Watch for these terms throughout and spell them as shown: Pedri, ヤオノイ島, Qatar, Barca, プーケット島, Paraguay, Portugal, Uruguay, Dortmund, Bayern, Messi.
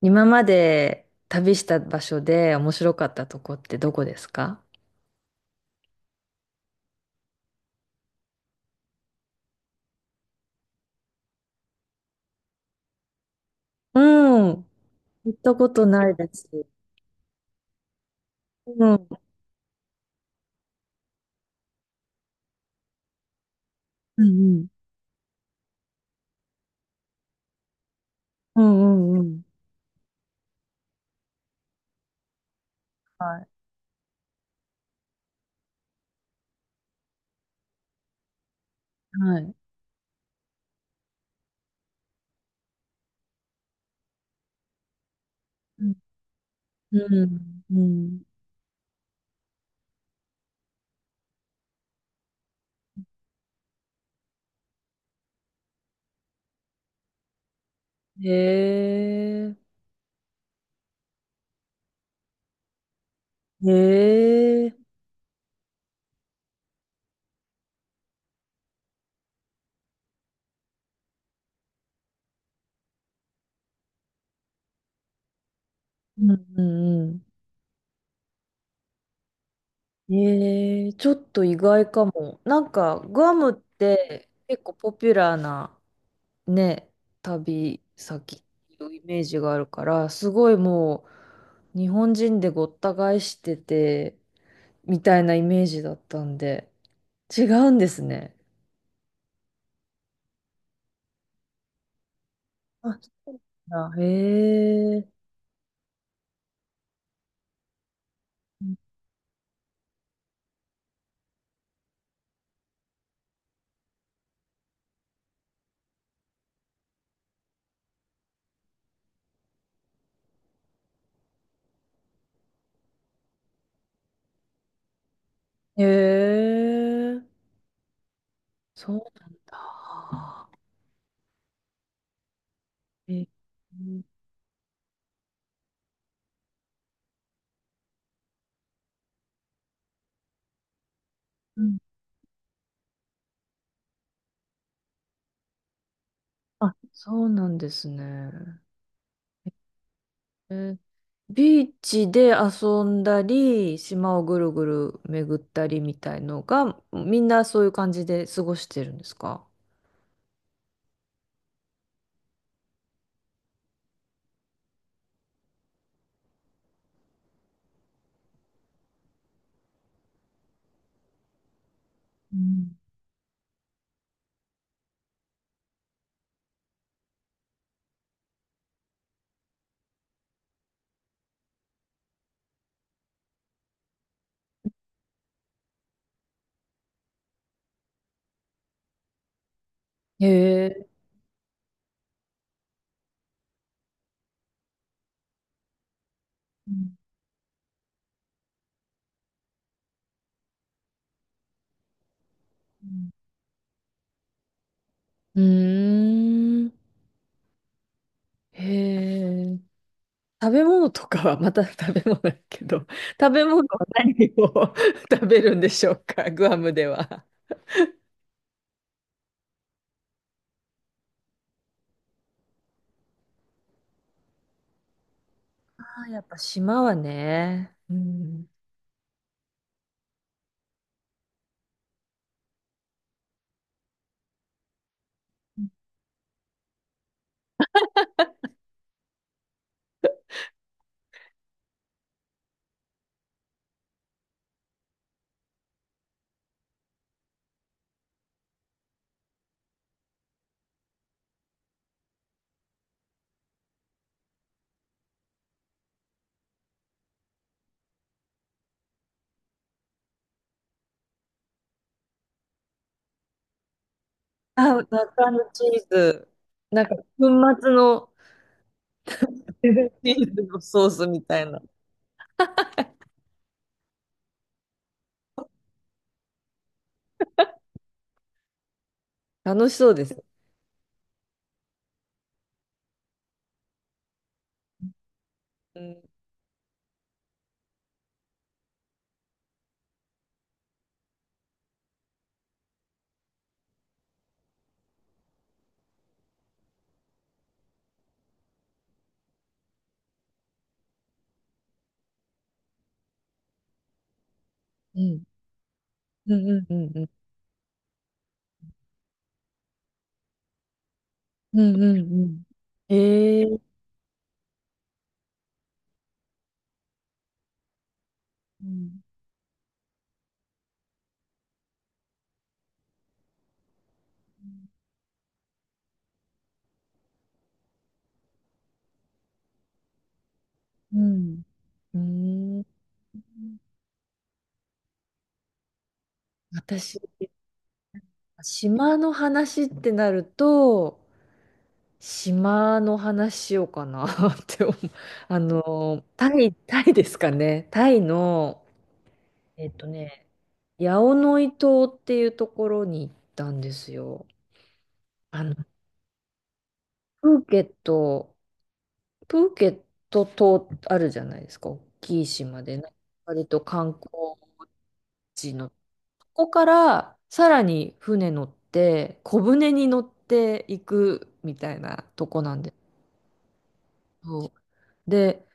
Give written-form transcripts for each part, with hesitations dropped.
今まで旅した場所で面白かったとこってどこですか？うん。行ったことないです。うん。うんうん。うんうんうん。はい。はい。うん。うん。へえ。へえ。うんうんうん。へえ。ちょっと意外かも。なんか、グアムって結構ポピュラーなね、旅先のイメージがあるから、すごいもう、日本人でごった返してて、みたいなイメージだったんで、違うんですね。あ、そうなんだ。へえ。へえ。そうなんだ。え、うん、あ、そうなんですね。ええー、ビーチで遊んだり、島をぐるぐる巡ったりみたいのが、みんなそういう感じで過ごしてるんですか？うん、へえ。うん、うーん。へえ。食べ物とかは、また食べ物だけど、食べ物は何を 食べるんでしょうか、グアムでは。あー、やっぱ島はね。うん。あ、中のチーズ。なんか、粉末のデザンチーズのソースみたいな。楽しそうです。うん。うん。うんうんうんうん。うんうんうん。ええ、うん。うん。うーん。私、島の話ってなると、島の話しようかな って思う。あの、タイですかね。タイの、えっとね、ヤオノイ島っていうところに行ったんですよ。あの、プーケットプーケット島あるじゃないですか。大きい島で、な割と観光地の、ここからさらに船乗って、小船に乗っていくみたいなとこなんですけど。で、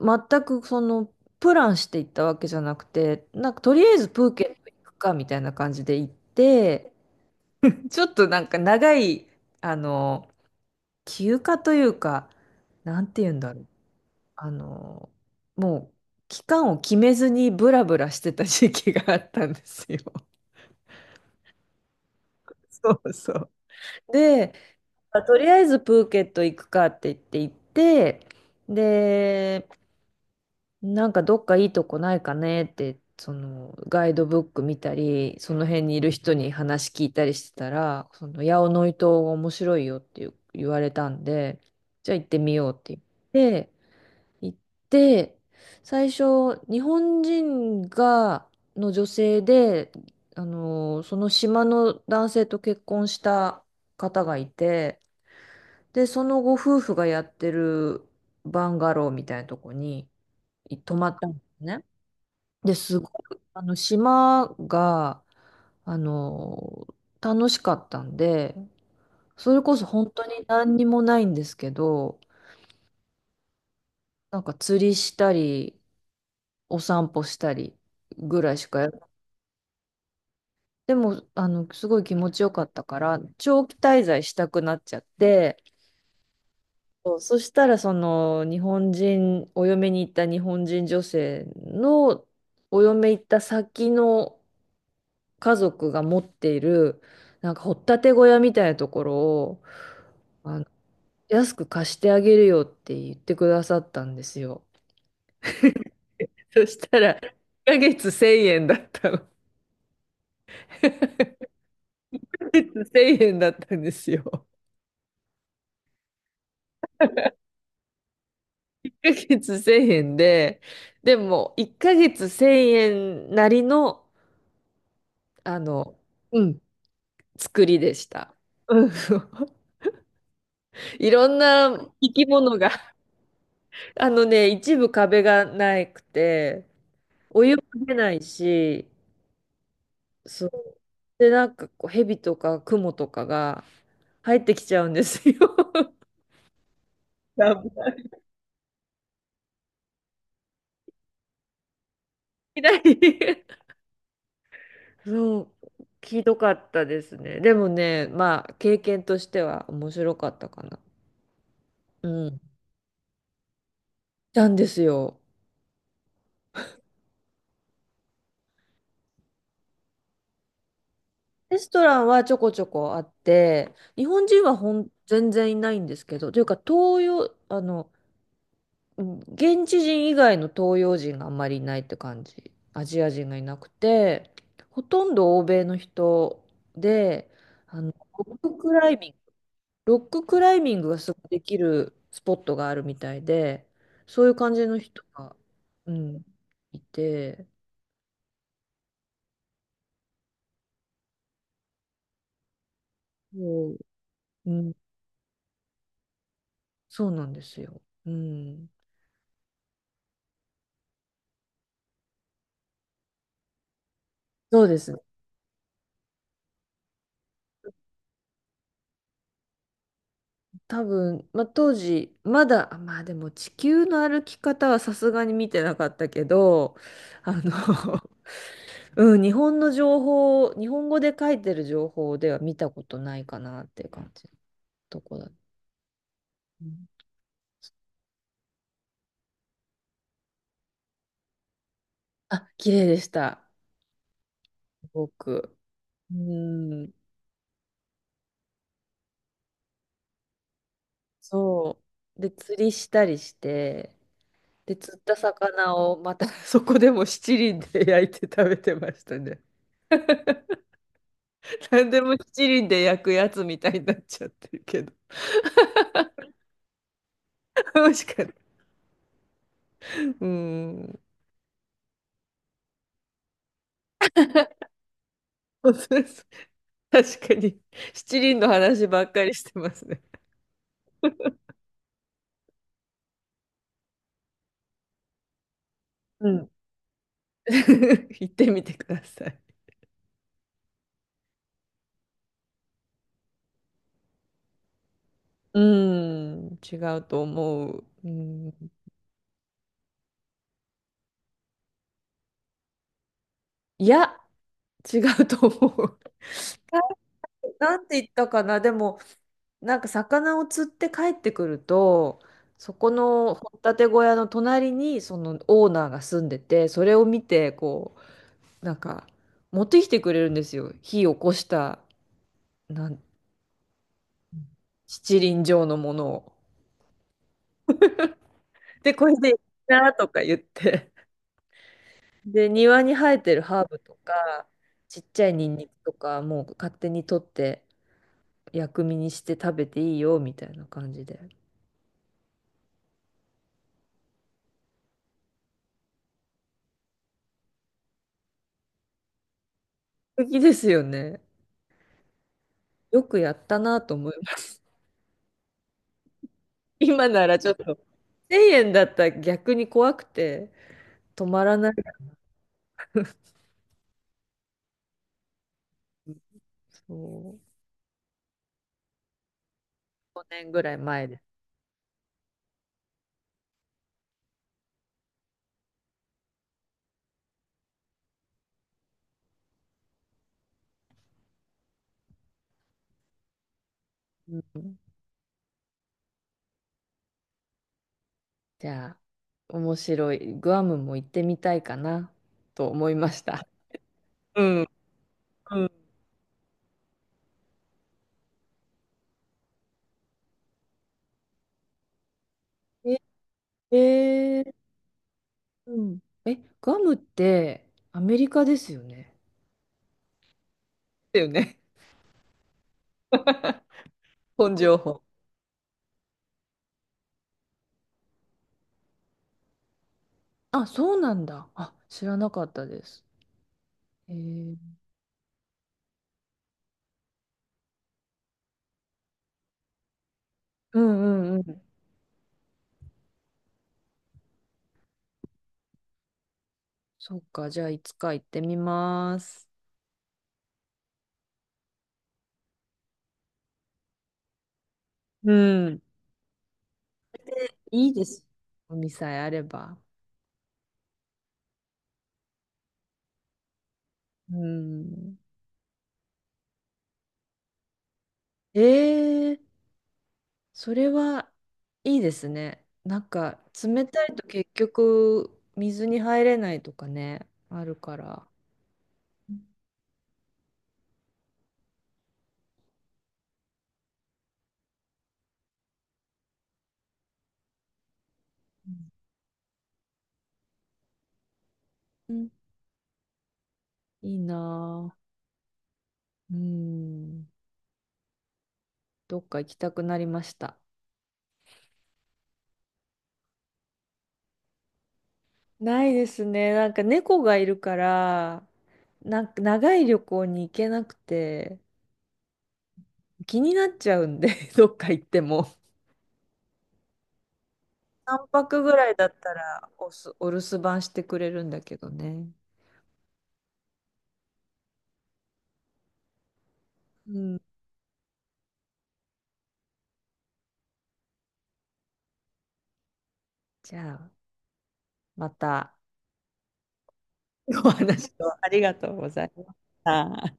全くその、プランしていったわけじゃなくて、なんかとりあえずプーケット行くかみたいな感じで行って、ちょっとなんか長い、あの、休暇というか、なんて言うんだろう。あの、もう期間を決めずにブラブラしてた時期があったんですよ。そうそう。で、あ、とりあえずプーケット行くかって言って行って、で、なんかどっかいいとこないかねって、そのガイドブック見たり、その辺にいる人に話聞いたりしてたら、その八尾のイ島が面白いよっていう言われたんで、じゃあ行ってみようって言って、行って、最初、日本人が、の女性で、あの、その島の男性と結婚した方がいて、で、そのご夫婦がやってるバンガローみたいなとこに泊まったんですね。で、すごく、あの、島が、あの、楽しかったんで、それこそ本当に何にもないんですけど、なんか釣りしたり、お散歩したりぐらいしかや、でも、あの、すごい気持ちよかったから、長期滞在したくなっちゃって、そう、そしたら、その、日本人、お嫁に行った日本人女性の、お嫁行った先の家族が持っている、なんか、掘っ立て小屋みたいなところを、あの、安く貸してあげるよって言ってくださったんですよ。そしたら、1ヶ月1000円だったの。月1000円だったんですよ。1ヶ月1000円で、でも1ヶ月1000円なりの、あの、うん、作りでした。うん、いろんな生き物が、あのね、一部壁がなくて、お湯も出ないし、そう。で、なんかこう、蛇とかクモとかが入ってきちゃうんですよ。危ない。そう、ひどかったですね。でもね、まあ、経験としては面白かったかな。うん。なんですよ。レストランはちょこちょこあって、日本人はほん全然いないんですけど、というか、東洋、あの、うん、現地人以外の東洋人があんまりいないって感じ。アジア人がいなくて、ほとんど欧米の人で、あの、ロッククライミングロッククライミングがすごいできるスポットがあるみたいで、そういう感じの人が、うん、いて、そう、うん、そうなんですよ。うん、そうですね。多分、まあ、当時、まだ、あ、まあでも地球の歩き方はさすがに見てなかったけど、あの、うん、日本の情報、日本語で書いてる情報では見たことないかなっていう感じのとこだ。うん、あ、綺麗でした。すごく。うん、そう。で、釣りしたりして、で、釣った魚をまた そこでも七輪で焼いて食べてましたね。何でも七輪で焼くやつみたいになっちゃってるけど。美味しかった。うん。そうそうそう、確かに、七輪の話ばっかりしてますね。うん。行ってみてください。うん、違うと思う。うん、いや、違うと思う。なんて言ったかな、でも、なんか魚を釣って帰ってくると、そこの掘ったて小屋の隣にそのオーナーが住んでて、それを見て、こう、なんか持ってきてくれるんですよ。火起こした、なん、七輪状のものを。で、これでいいなとか言って。で、庭に生えてるハーブとか、ちっちゃいニンニクとか、もう勝手に取って薬味にして食べていいよみたいな感じで。素敵ですよね。よくやったなと思います。今ならちょっと、1000円だったら逆に怖くて、止まらない。そう、年ぐらい前です。うん、じゃあ、面白い。グアムも行ってみたいかな、と思いました。うん。うん、え、えー、うん。え、グアムってアメリカですよね。だよね。本情報。あ、そうなんだ。あ、知らなかったです。えー、うん、うんうん。そっか、じゃあいつか行ってみます。うん。いいです。海さえあれば。うん。ええ、それはいいですね。なんか冷たいと結局水に入れないとかね、あるから。うんうん、いいなぁ。うん。どっか行きたくなりました。ないですね。なんか猫がいるから、なんか長い旅行に行けなくて、気になっちゃうんで、どっか行っても。3泊ぐらいだったらおす、お留守番してくれるんだけどね。うん。じゃあ、また、お話をありがとうございました。